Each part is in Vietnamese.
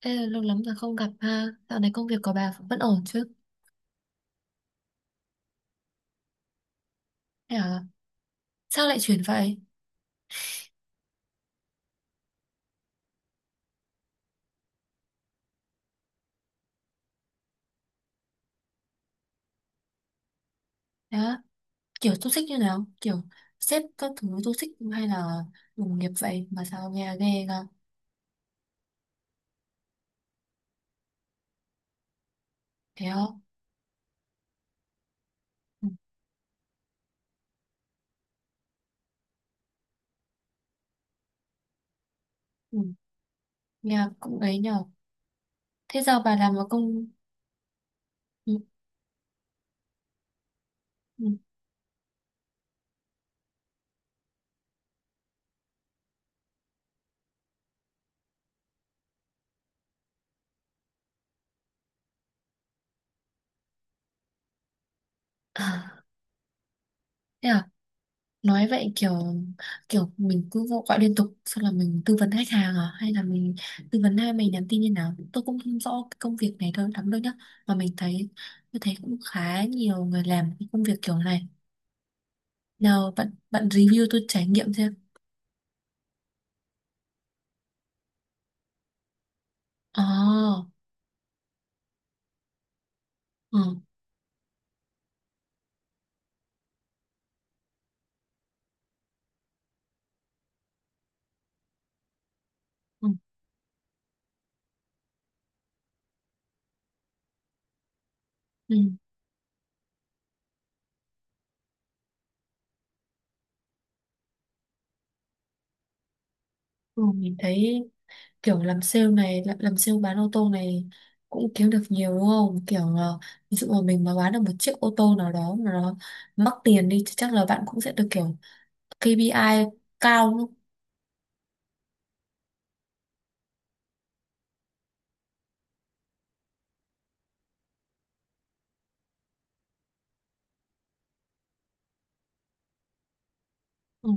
Ê, lâu lắm rồi không gặp ha. Dạo này công việc của bà vẫn ổn chứ? Thế à? Sao lại chuyển vậy? Thế á? Kiểu toxic như nào? Kiểu sếp các thứ toxic hay là đồng nghiệp vậy mà sao nghe ghê ra? Thế không? Ừ, ừ. Nghe cũng ấy nhờ. Thế giờ bà làm ở công... Ừ, ừ. À, thế à? Nói vậy kiểu kiểu mình cứ gọi liên tục, xong là mình tư vấn khách hàng à, hay là mình tư vấn hai, mình nhắn tin như nào, tôi cũng không rõ cái công việc này thôi lắm đâu nhá. Mà mình thấy, tôi thấy cũng khá nhiều người làm cái công việc kiểu này. Nào bạn bạn review, tôi trải nghiệm xem. Ờ. Ừ, ừ, ừ, ừ, mình thấy kiểu làm sale này, làm sale bán ô tô này cũng kiếm được nhiều đúng không? Kiểu ví dụ mà mình mà bán được một chiếc ô tô nào đó mà nó mắc tiền đi, thì chắc là bạn cũng sẽ được kiểu KPI cao luôn. Ừ.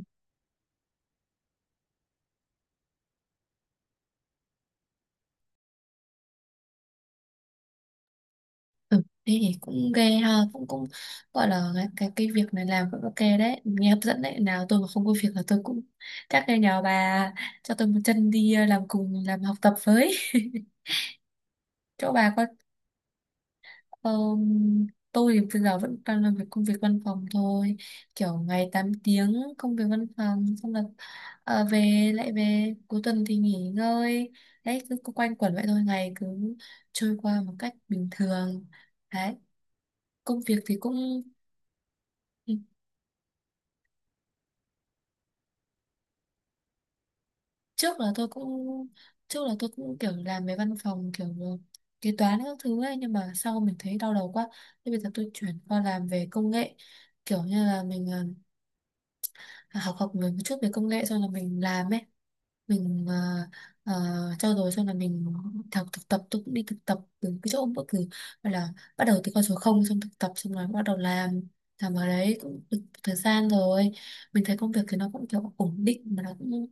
Ừ. Thế thì cũng ghê ha, cũng cũng gọi là cái việc này làm cũng ok đấy, nghe hấp dẫn đấy. Nào tôi mà không có việc là tôi cũng chắc là nhờ bà cho tôi một chân đi, làm cùng, làm học tập với. Chỗ bà có. Ờ, tôi thì bây giờ vẫn đang làm việc công việc văn phòng thôi, kiểu ngày 8 tiếng công việc văn phòng, xong là về lại, về cuối tuần thì nghỉ ngơi. Đấy, cứ quanh quẩn vậy thôi, ngày cứ trôi qua một cách bình thường đấy. Công việc thì cũng ừ, trước là tôi cũng trước là tôi cũng kiểu làm về văn phòng, kiểu kế toán các thứ ấy, nhưng mà sau mình thấy đau đầu quá, thế bây giờ tôi chuyển qua làm về công nghệ. Kiểu như là mình học học về một chút về công nghệ, xong là mình làm ấy. Mình trau dồi xong là mình học thực tập. Tôi cũng đi thực tập từ cái chỗ bất cứ, gọi là bắt đầu từ con số không, xong thực tập xong rồi bắt đầu làm. Làm ở đấy cũng được một thời gian rồi, mình thấy công việc thì nó cũng kiểu ổn định mà nó cũng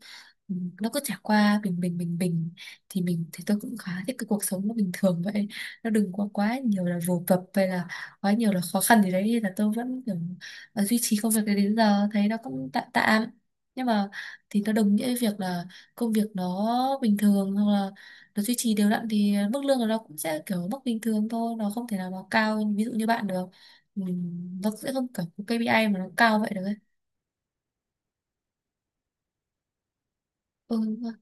ừ, nó cứ trải qua bình bình bình bình. Thì mình, thì tôi cũng khá thích cái cuộc sống nó bình thường vậy, nó đừng quá quá nhiều là vồ vập hay là quá nhiều là khó khăn gì đấy. Nên là tôi vẫn kiểu duy trì công việc đấy đến giờ, thấy nó cũng tạm tạm. Nhưng mà, thì nó đồng nghĩa với việc là công việc nó bình thường, hoặc là nó duy trì đều đặn, thì mức lương của nó cũng sẽ kiểu mức bình thường thôi, nó không thể nào nó cao ví dụ như bạn được. Nó sẽ không kiểu có KPI mà nó cao vậy được ấy. Ừ,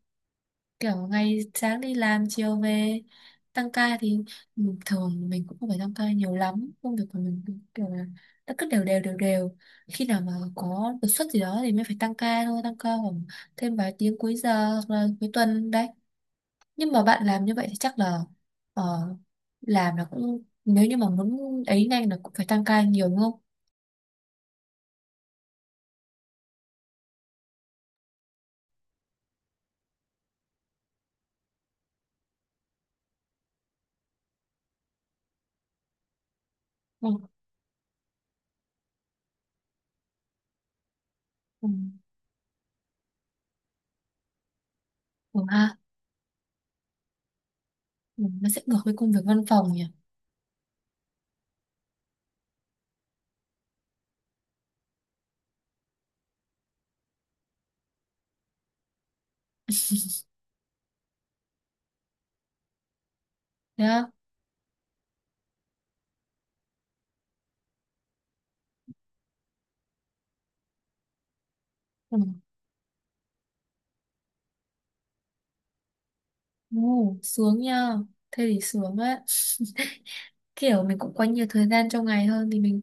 kiểu ngày sáng đi làm chiều về. Tăng ca thì thường mình cũng không phải tăng ca nhiều lắm, công việc của mình cũng kiểu là nó cứ đều đều đều đều. Khi nào mà có đột xuất gì đó thì mới phải tăng ca thôi, tăng ca khoảng thêm vài tiếng cuối giờ hoặc là cuối tuần đấy. Nhưng mà bạn làm như vậy thì chắc là ờ, làm là cũng, nếu như mà muốn ấy nhanh là cũng phải tăng ca nhiều, đúng không? Ừ. Ừ. Ừ, ha. Ừ. Nó sẽ ngược với công việc văn phòng nhỉ. Thế á? Ừ. Ừ. Sướng nha. Thế thì sướng á, kiểu mình cũng có nhiều thời gian trong ngày hơn, thì mình,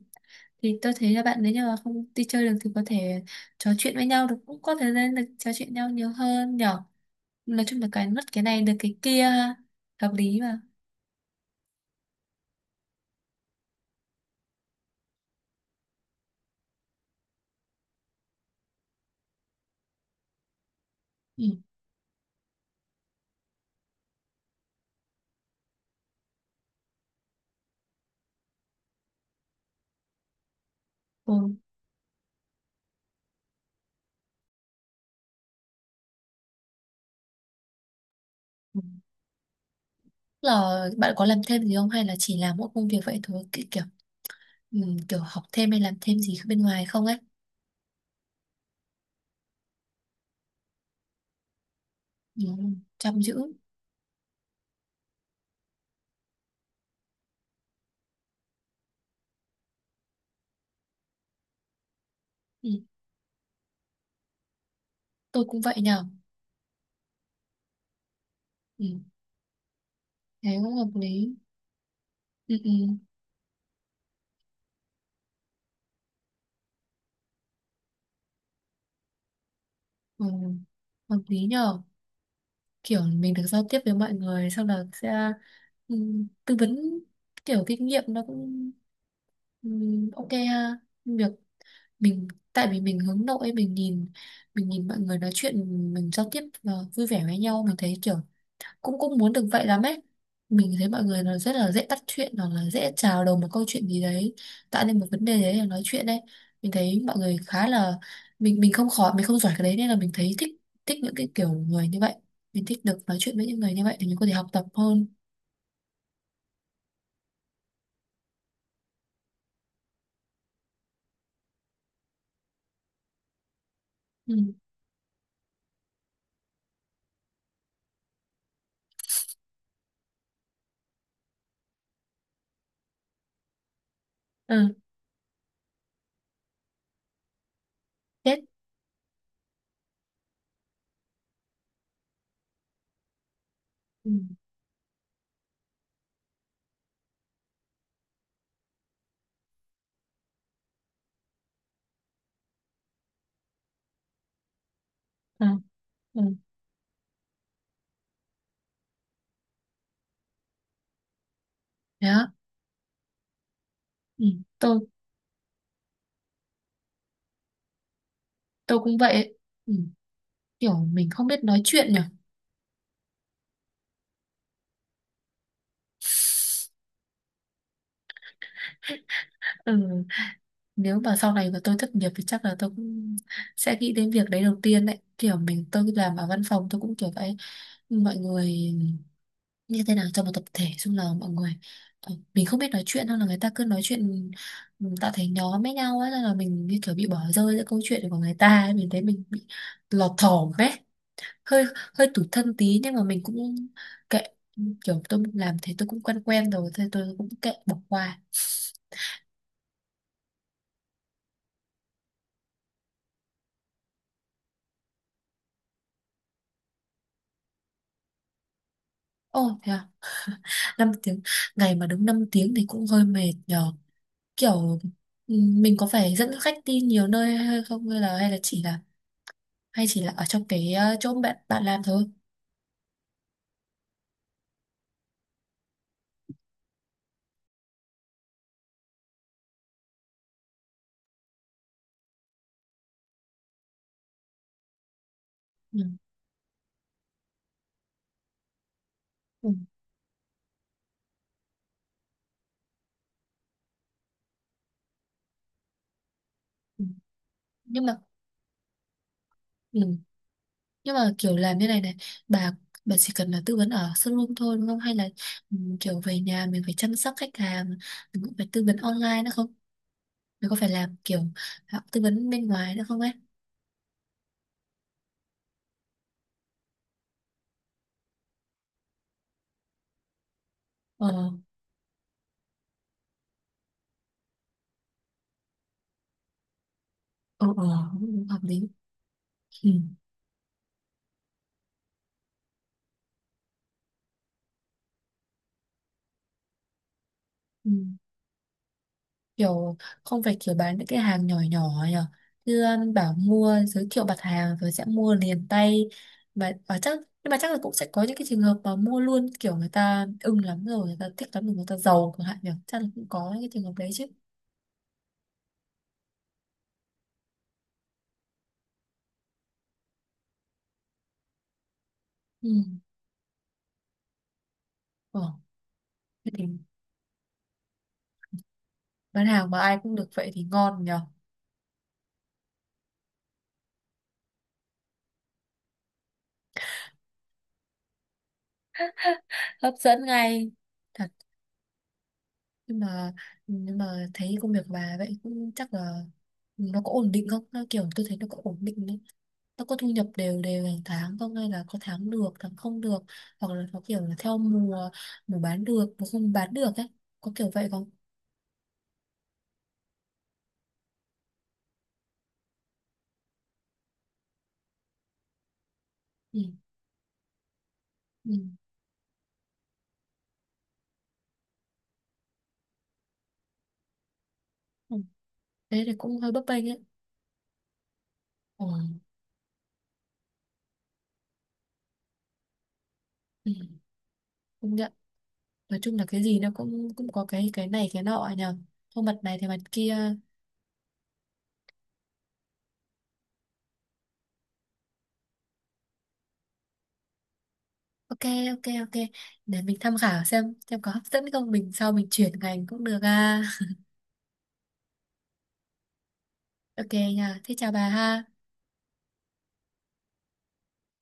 thì tôi thấy là bạn nếu như mà không đi chơi được thì có thể trò chuyện với nhau được, cũng có thời gian được trò chuyện nhau nhiều hơn nhở. Nói chung là cái mất cái này được cái kia ha. Hợp lý mà. Ừ. Ừ. Là bạn có làm thêm gì không, hay là chỉ làm mỗi công việc vậy thôi? Kiểu ừ, kiểu học thêm hay làm thêm gì bên ngoài không ấy? Ừ, chăm chữ. Ừ, tôi cũng vậy nhờ. Ừ, thế cũng hợp lý. Ừ, ừ, ừ, hợp lý nhờ. Kiểu mình được giao tiếp với mọi người, sau đó sẽ ừ, tư vấn, kiểu kinh nghiệm nó cũng ừ, ok ha. Việc mình, tại vì mình hướng nội, mình nhìn mọi người nói chuyện, mình giao tiếp vui vẻ với nhau, mình thấy kiểu cũng cũng muốn được vậy lắm ấy. Mình thấy mọi người nó rất là dễ bắt chuyện, hoặc là dễ chào đầu một câu chuyện gì đấy, tạo nên một vấn đề đấy là nói chuyện đấy. Mình thấy mọi người khá là, mình không khỏi, mình không giỏi cái đấy, nên là mình thấy thích, thích những cái kiểu người như vậy. Mình thích được nói chuyện với những người như vậy, thì mình có thể học tập hơn. Ừ. Ừ. Chết. Ừ. Ừ. Ừ. Thế á? Ừ. tôi tôi cũng vậy ấy. Ừ. Kiểu mình không biết nói chuyện nhỉ. Ừ, nếu mà sau này mà tôi thất nghiệp thì chắc là tôi cũng sẽ nghĩ đến việc đấy đầu tiên đấy. Kiểu mình, tôi làm ở văn phòng tôi cũng kiểu vậy, mọi người như thế nào trong một tập thể chung, là mọi người mình không biết nói chuyện, hay là người ta cứ nói chuyện, ừ, tạo thành nhóm với nhau ấy, nên là mình như kiểu bị bỏ rơi giữa câu chuyện của người ta ấy. Mình thấy mình bị lọt thỏm ấy, hơi hơi tủi thân tí, nhưng mà mình cũng kệ. Kiểu tôi làm thế tôi cũng quen quen rồi, thế tôi cũng kệ, bỏ qua. Ồ, thế à? 5 tiếng, ngày mà đứng 5 tiếng thì cũng hơi mệt nhờ. Kiểu ừ, mình có phải dẫn khách đi nhiều nơi hay không, hay chỉ là ở trong cái chỗ bạn bạn làm thôi? Ừ. Ừ. Ừ. Nhưng mà ừ. Nhưng mà kiểu làm như này này, bà bà chỉ cần là tư vấn ở showroom thôi, đúng không? Hay là ừ, kiểu về nhà mình phải chăm sóc khách hàng, mình cũng phải tư vấn online nữa không, mình có phải làm kiểu à, tư vấn bên ngoài nữa không ấy? Ờ. Ờ. Ờ, cũng hợp lý. Ừ. Ừ. Kiểu không phải kiểu bán những cái hàng nhỏ nhỏ nhở, như bảo mua giới thiệu mặt hàng rồi sẽ mua liền tay mà chắc. Nhưng mà chắc là cũng sẽ có những cái trường hợp mà mua luôn, kiểu người ta ưng lắm rồi, người ta thích lắm rồi, người ta giàu chẳng hạn nhở, chắc là cũng có những cái trường hợp đấy chứ. Ừ. Ờ. Thế thì bán hàng mà ai cũng được vậy thì ngon nhở. Hấp dẫn ngay. Thật. Nhưng mà, nhưng mà thấy công việc của bà vậy cũng chắc là nó có ổn định không? Nó kiểu tôi thấy nó có ổn định đấy, nó có thu nhập đều đều hàng tháng không, hay là có tháng được tháng không được, hoặc là có kiểu là theo mùa, mùa bán được mùa không bán được ấy, có kiểu vậy không? Ừ. Ừ. Ừ. Thế thì cũng hơi bấp bênh ấy. Ừ. Ừ. Công nhận. Nói chung là cái gì nó cũng cũng có cái này cái nọ nhờ, không mặt này thì mặt kia. Ok. Ok ok, để mình tham khảo xem có hấp dẫn không, mình sau mình chuyển ngành cũng được à. Ok nha, thế chào bà ha.